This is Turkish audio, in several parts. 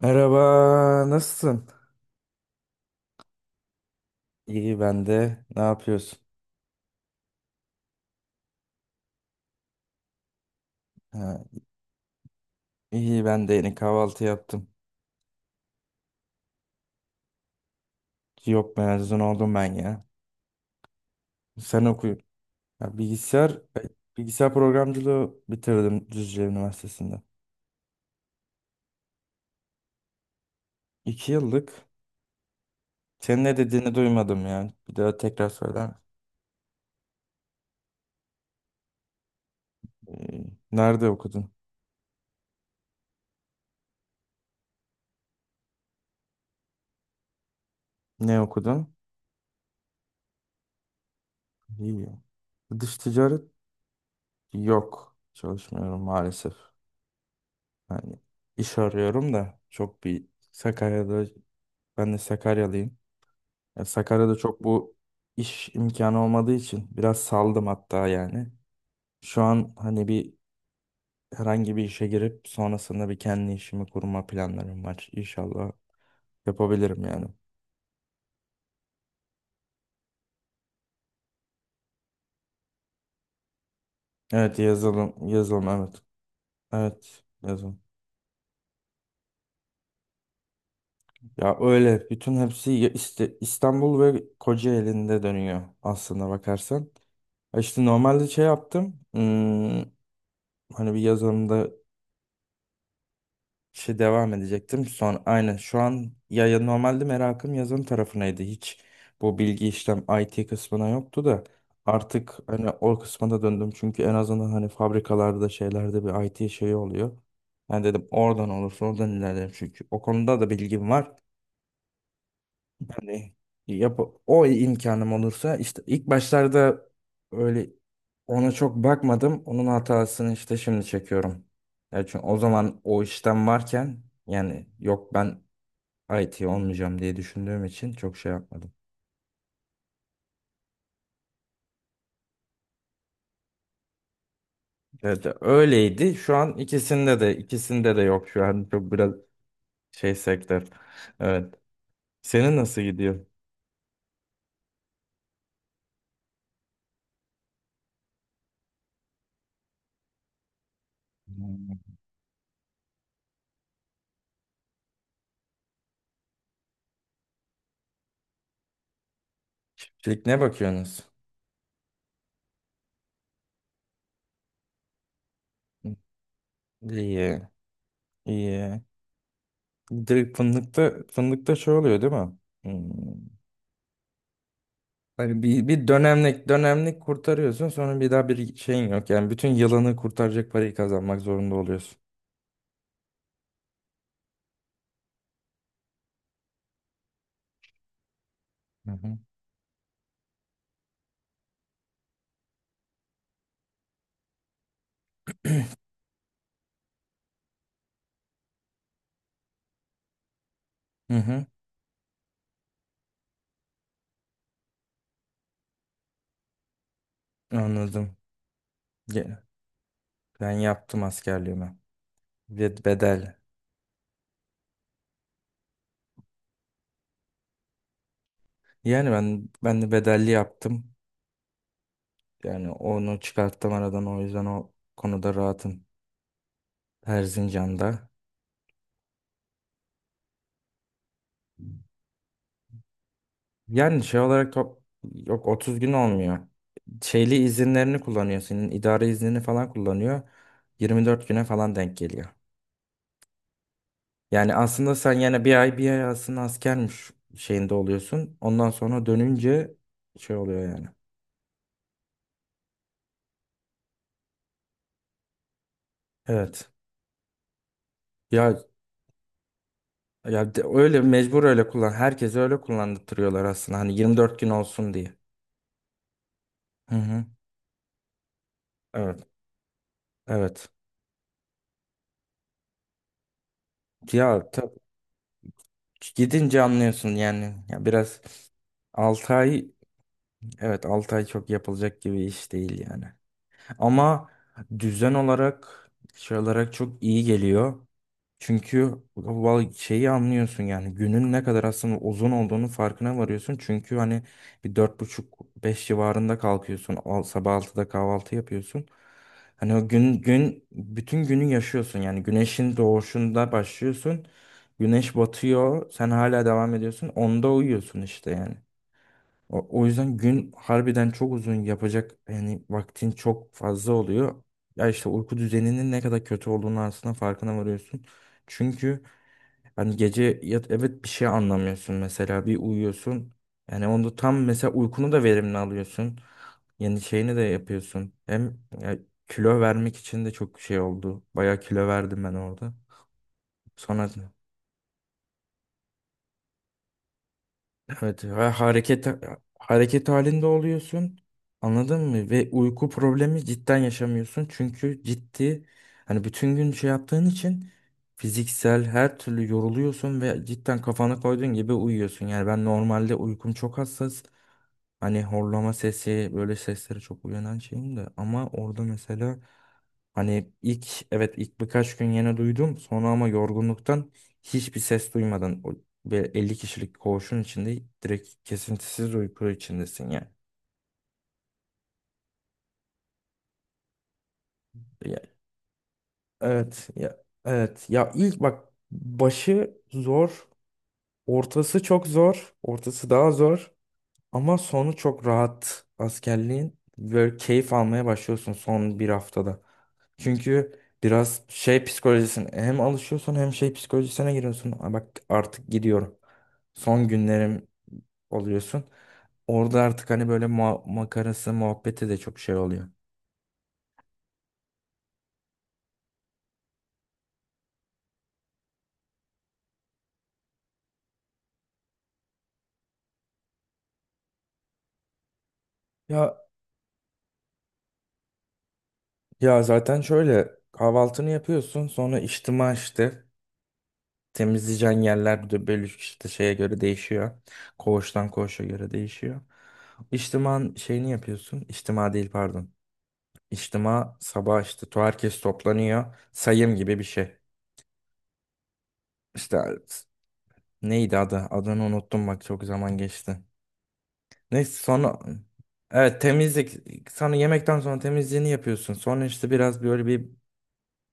Merhaba, nasılsın? İyi ben de. Ne yapıyorsun? Ha, iyi ben de yeni kahvaltı yaptım. Yok, mezun oldum ben ya. Sen okuyun. Ya, bilgisayar programcılığı bitirdim Düzce Üniversitesi'nde. İki yıllık. Senin ne dediğini duymadım yani. Bir daha tekrar söyler misin? Nerede okudun? Ne okudun? İyi. Dış ticaret yok. Çalışmıyorum maalesef. Yani iş arıyorum da çok bir Sakarya'da. Ben de Sakaryalıyım. Ya Sakarya'da çok bu iş imkanı olmadığı için biraz saldım hatta yani. Şu an hani bir herhangi bir işe girip sonrasında bir kendi işimi kurma planlarım var. İnşallah yapabilirim yani. Evet, yazılım, yazılım, evet. Evet, yazılım. Ya öyle bütün hepsi ya İstanbul ve Kocaeli'nde dönüyor aslında bakarsan. Ya İşte normalde şey yaptım. Hani bir yazılımda şey devam edecektim. Son aynen şu an ya normalde merakım yazılım tarafınaydı. Hiç bu bilgi işlem IT kısmına yoktu da artık hani o kısma da döndüm. Çünkü en azından hani fabrikalarda şeylerde bir IT şeyi oluyor. Ben dedim oradan olursa oradan ilerlerim çünkü o konuda da bilgim var. Yani yap o imkanım olursa işte ilk başlarda öyle ona çok bakmadım. Onun hatasını işte şimdi çekiyorum. Ya çünkü o zaman o işten varken yani yok, ben IT olmayacağım diye düşündüğüm için çok şey yapmadım. Evet, öyleydi. Şu an ikisinde de yok, şu an çok biraz şey sektör. Evet. Senin nasıl gidiyor? Hmm. Şimdi ne bakıyorsunuz? İyi, iyi. Direkt fındıkta şey oluyor değil mi? Hmm. Hani bir dönemlik kurtarıyorsun, sonra bir daha bir şeyin yok. Yani bütün yılını kurtaracak parayı kazanmak zorunda oluyorsun. Hı hı. Hı hı. Anladım. Ge- Ben yaptım askerliğimi. Ve bedel. Yani ben de bedelli yaptım. Yani onu çıkarttım aradan, o yüzden o konuda rahatım. Erzincan'da. Yani şey olarak yok, 30 gün olmuyor. Şeyli izinlerini kullanıyor. Senin idari iznini falan kullanıyor. 24 güne falan denk geliyor. Yani aslında sen yani bir ay, bir ay aslında askermiş şeyinde oluyorsun. Ondan sonra dönünce şey oluyor yani. Evet. Ya ya öyle mecbur, öyle kullan. Herkese öyle kullandırıyorlar aslında. Hani 24 gün olsun diye. Hı hı. Evet. Evet. Ya gidince anlıyorsun yani. Ya biraz 6 ay. Evet, 6 ay çok yapılacak gibi iş değil yani. Ama düzen olarak, şey olarak çok iyi geliyor. Çünkü şeyi anlıyorsun yani, günün ne kadar aslında uzun olduğunu farkına varıyorsun. Çünkü hani bir dört buçuk, beş civarında kalkıyorsun. Sabah altıda kahvaltı yapıyorsun. Hani o gün bütün günü yaşıyorsun yani, güneşin doğuşunda başlıyorsun. Güneş batıyor, sen hala devam ediyorsun. Onda uyuyorsun işte yani. O yüzden gün harbiden çok uzun, yapacak yani vaktin çok fazla oluyor. Ya işte uyku düzeninin ne kadar kötü olduğunu aslında farkına varıyorsun. Çünkü hani gece evet, bir şey anlamıyorsun, mesela bir uyuyorsun. Yani onda tam mesela uykunu da verimli alıyorsun. Yeni şeyini de yapıyorsun. Hem ya, kilo vermek için de çok şey oldu. Bayağı kilo verdim ben orada. Sonra evet, ve hareket halinde oluyorsun. Anladın mı? Ve uyku problemi cidden yaşamıyorsun. Çünkü ciddi, hani bütün gün şey yaptığın için fiziksel her türlü yoruluyorsun ve cidden kafana koyduğun gibi uyuyorsun. Yani ben normalde uykum çok hassas. Hani horlama sesi, böyle seslere çok uyanan şeyim de ama orada mesela hani ilk, evet ilk birkaç gün yine duydum sonra, ama yorgunluktan hiçbir ses duymadan ve 50 kişilik koğuşun içinde direkt kesintisiz uyku içindesin yani. Ya- evet ya, evet ya ilk bak, başı zor, ortası çok zor, ortası daha zor ama sonu çok rahat askerliğin, böyle keyif almaya başlıyorsun son bir haftada. Çünkü biraz şey psikolojisine hem alışıyorsun, hem şey psikolojisine giriyorsun. "Aa, bak artık gidiyorum." Son günlerim oluyorsun. Orada artık hani böyle makarası muhabbeti de çok şey oluyor. Ya ya zaten şöyle, kahvaltını yapıyorsun, sonra içtima, işte temizleyeceğin yerler de böyle işte şeye göre değişiyor. Koğuştan koğuşa göre değişiyor. İçtiman şeyini yapıyorsun. İçtima değil, pardon. İçtima sabah işte herkes toplanıyor. Sayım gibi bir şey. İşte neydi adı? Adını unuttum bak, çok zaman geçti. Neyse sonra evet, temizlik, sonra yemekten sonra temizliğini yapıyorsun. Sonra işte biraz böyle bir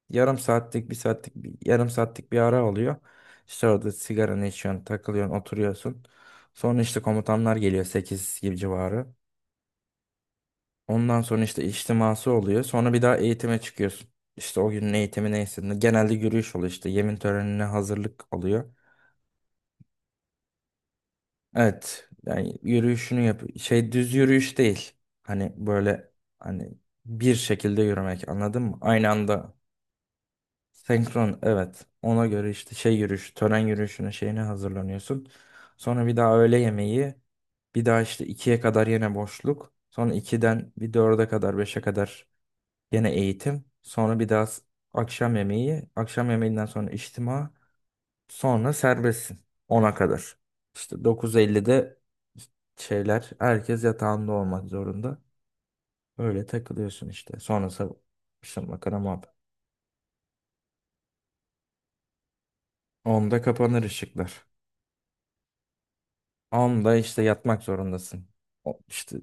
yarım saatlik, bir saatlik, bir, yarım saatlik bir ara oluyor. İşte orada sigaranı içiyorsun, takılıyorsun, oturuyorsun. Sonra işte komutanlar geliyor 8 gibi civarı. Ondan sonra işte içtiması oluyor. Sonra bir daha eğitime çıkıyorsun. İşte o günün eğitimi neyse. Genelde yürüyüş oluyor işte. Yemin törenine hazırlık oluyor. Evet. Yani yürüyüşünü yap. Şey düz yürüyüş değil. Hani böyle, hani bir şekilde yürümek, anladın mı? Aynı anda senkron, evet. Ona göre işte şey yürüyüş, tören yürüyüşüne, şeyine hazırlanıyorsun. Sonra bir daha öğle yemeği. Bir daha işte ikiye kadar yine boşluk. Sonra ikiden bir, dörde kadar, beşe kadar yine eğitim. Sonra bir daha akşam yemeği. Akşam yemeğinden sonra içtima. Sonra serbestsin ona kadar. İşte 9:50'de şeyler, herkes yatağında olmak zorunda. Öyle takılıyorsun işte. Sonrası işte makara muhabbet. 10'da kapanır ışıklar. Onda işte yatmak zorundasın. İşte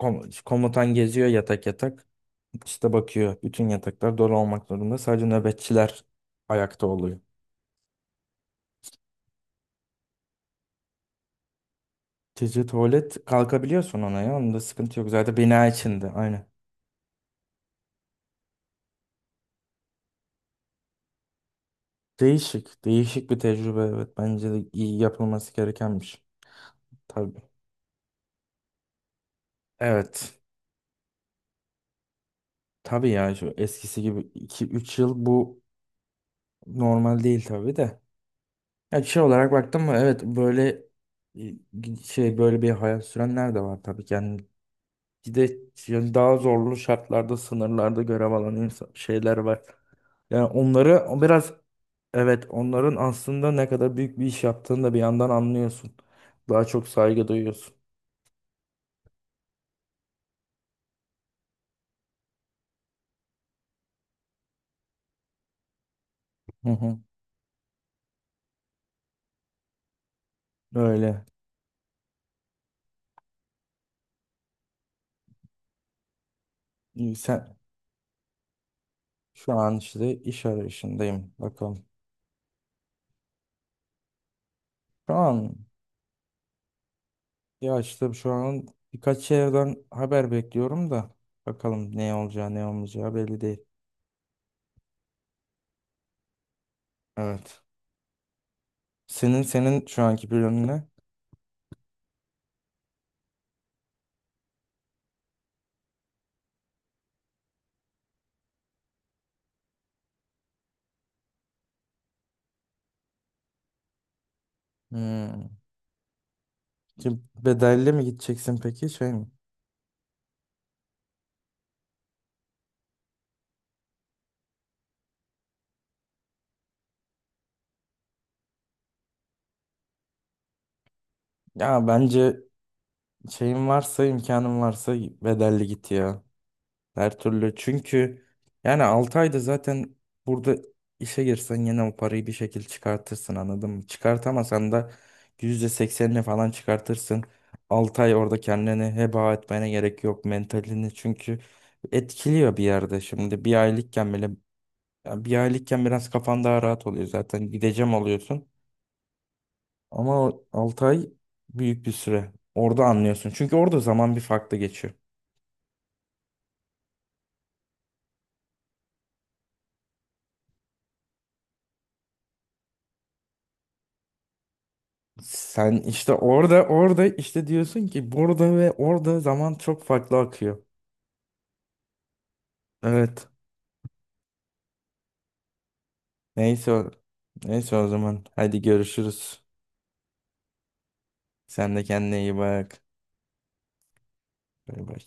komutan geziyor yatak yatak. İşte bakıyor, bütün yataklar dolu olmak zorunda. Sadece nöbetçiler ayakta oluyor. Gece tuvalet kalkabiliyorsun, ona ya. Onda sıkıntı yok. Zaten bina içinde. Aynen. Değişik. Değişik bir tecrübe. Evet, bence de iyi, yapılması gerekenmiş. Tabii. Evet. Tabii ya, şu eskisi gibi iki üç yıl, bu normal değil tabii de. Ya şey olarak baktım mı, evet, böyle şey böyle bir hayat sürenler de var tabii ki. Yani bir de yani daha zorlu şartlarda, sınırlarda görev alan insan, şeyler var. Yani onları o biraz, evet, onların aslında ne kadar büyük bir iş yaptığını da bir yandan anlıyorsun. Daha çok saygı duyuyorsun. Hı hı, öyle. İyi. Sen şu an işte iş arayışındayım. Bakalım. Şu an Ya işte şu an birkaç yerden haber bekliyorum da bakalım, ne olacağı, ne olmayacağı belli değil. Evet. Senin şu anki planın ne? Hmm. Ki bedelli mi gideceksin peki, şey mi? Ya bence şeyin varsa, imkanın varsa bedelli git ya. Her türlü, çünkü yani 6 ayda zaten burada işe girsen yine o parayı bir şekilde çıkartırsın, anladın mı? Çıkartamasan da %80'ini falan çıkartırsın. 6 ay orada kendini heba etmene gerek yok, mentalini çünkü etkiliyor bir yerde, şimdi bir aylıkken bile yani, bir aylıkken biraz kafan daha rahat oluyor zaten, gideceğim oluyorsun, ama 6 ay büyük bir süre, orada anlıyorsun çünkü orada zaman bir farklı geçiyor. Sen işte orada işte diyorsun ki, burada ve orada zaman çok farklı akıyor. Evet. Neyse o, neyse o zaman. Hadi görüşürüz. Sen de kendine iyi bak. Bay bay.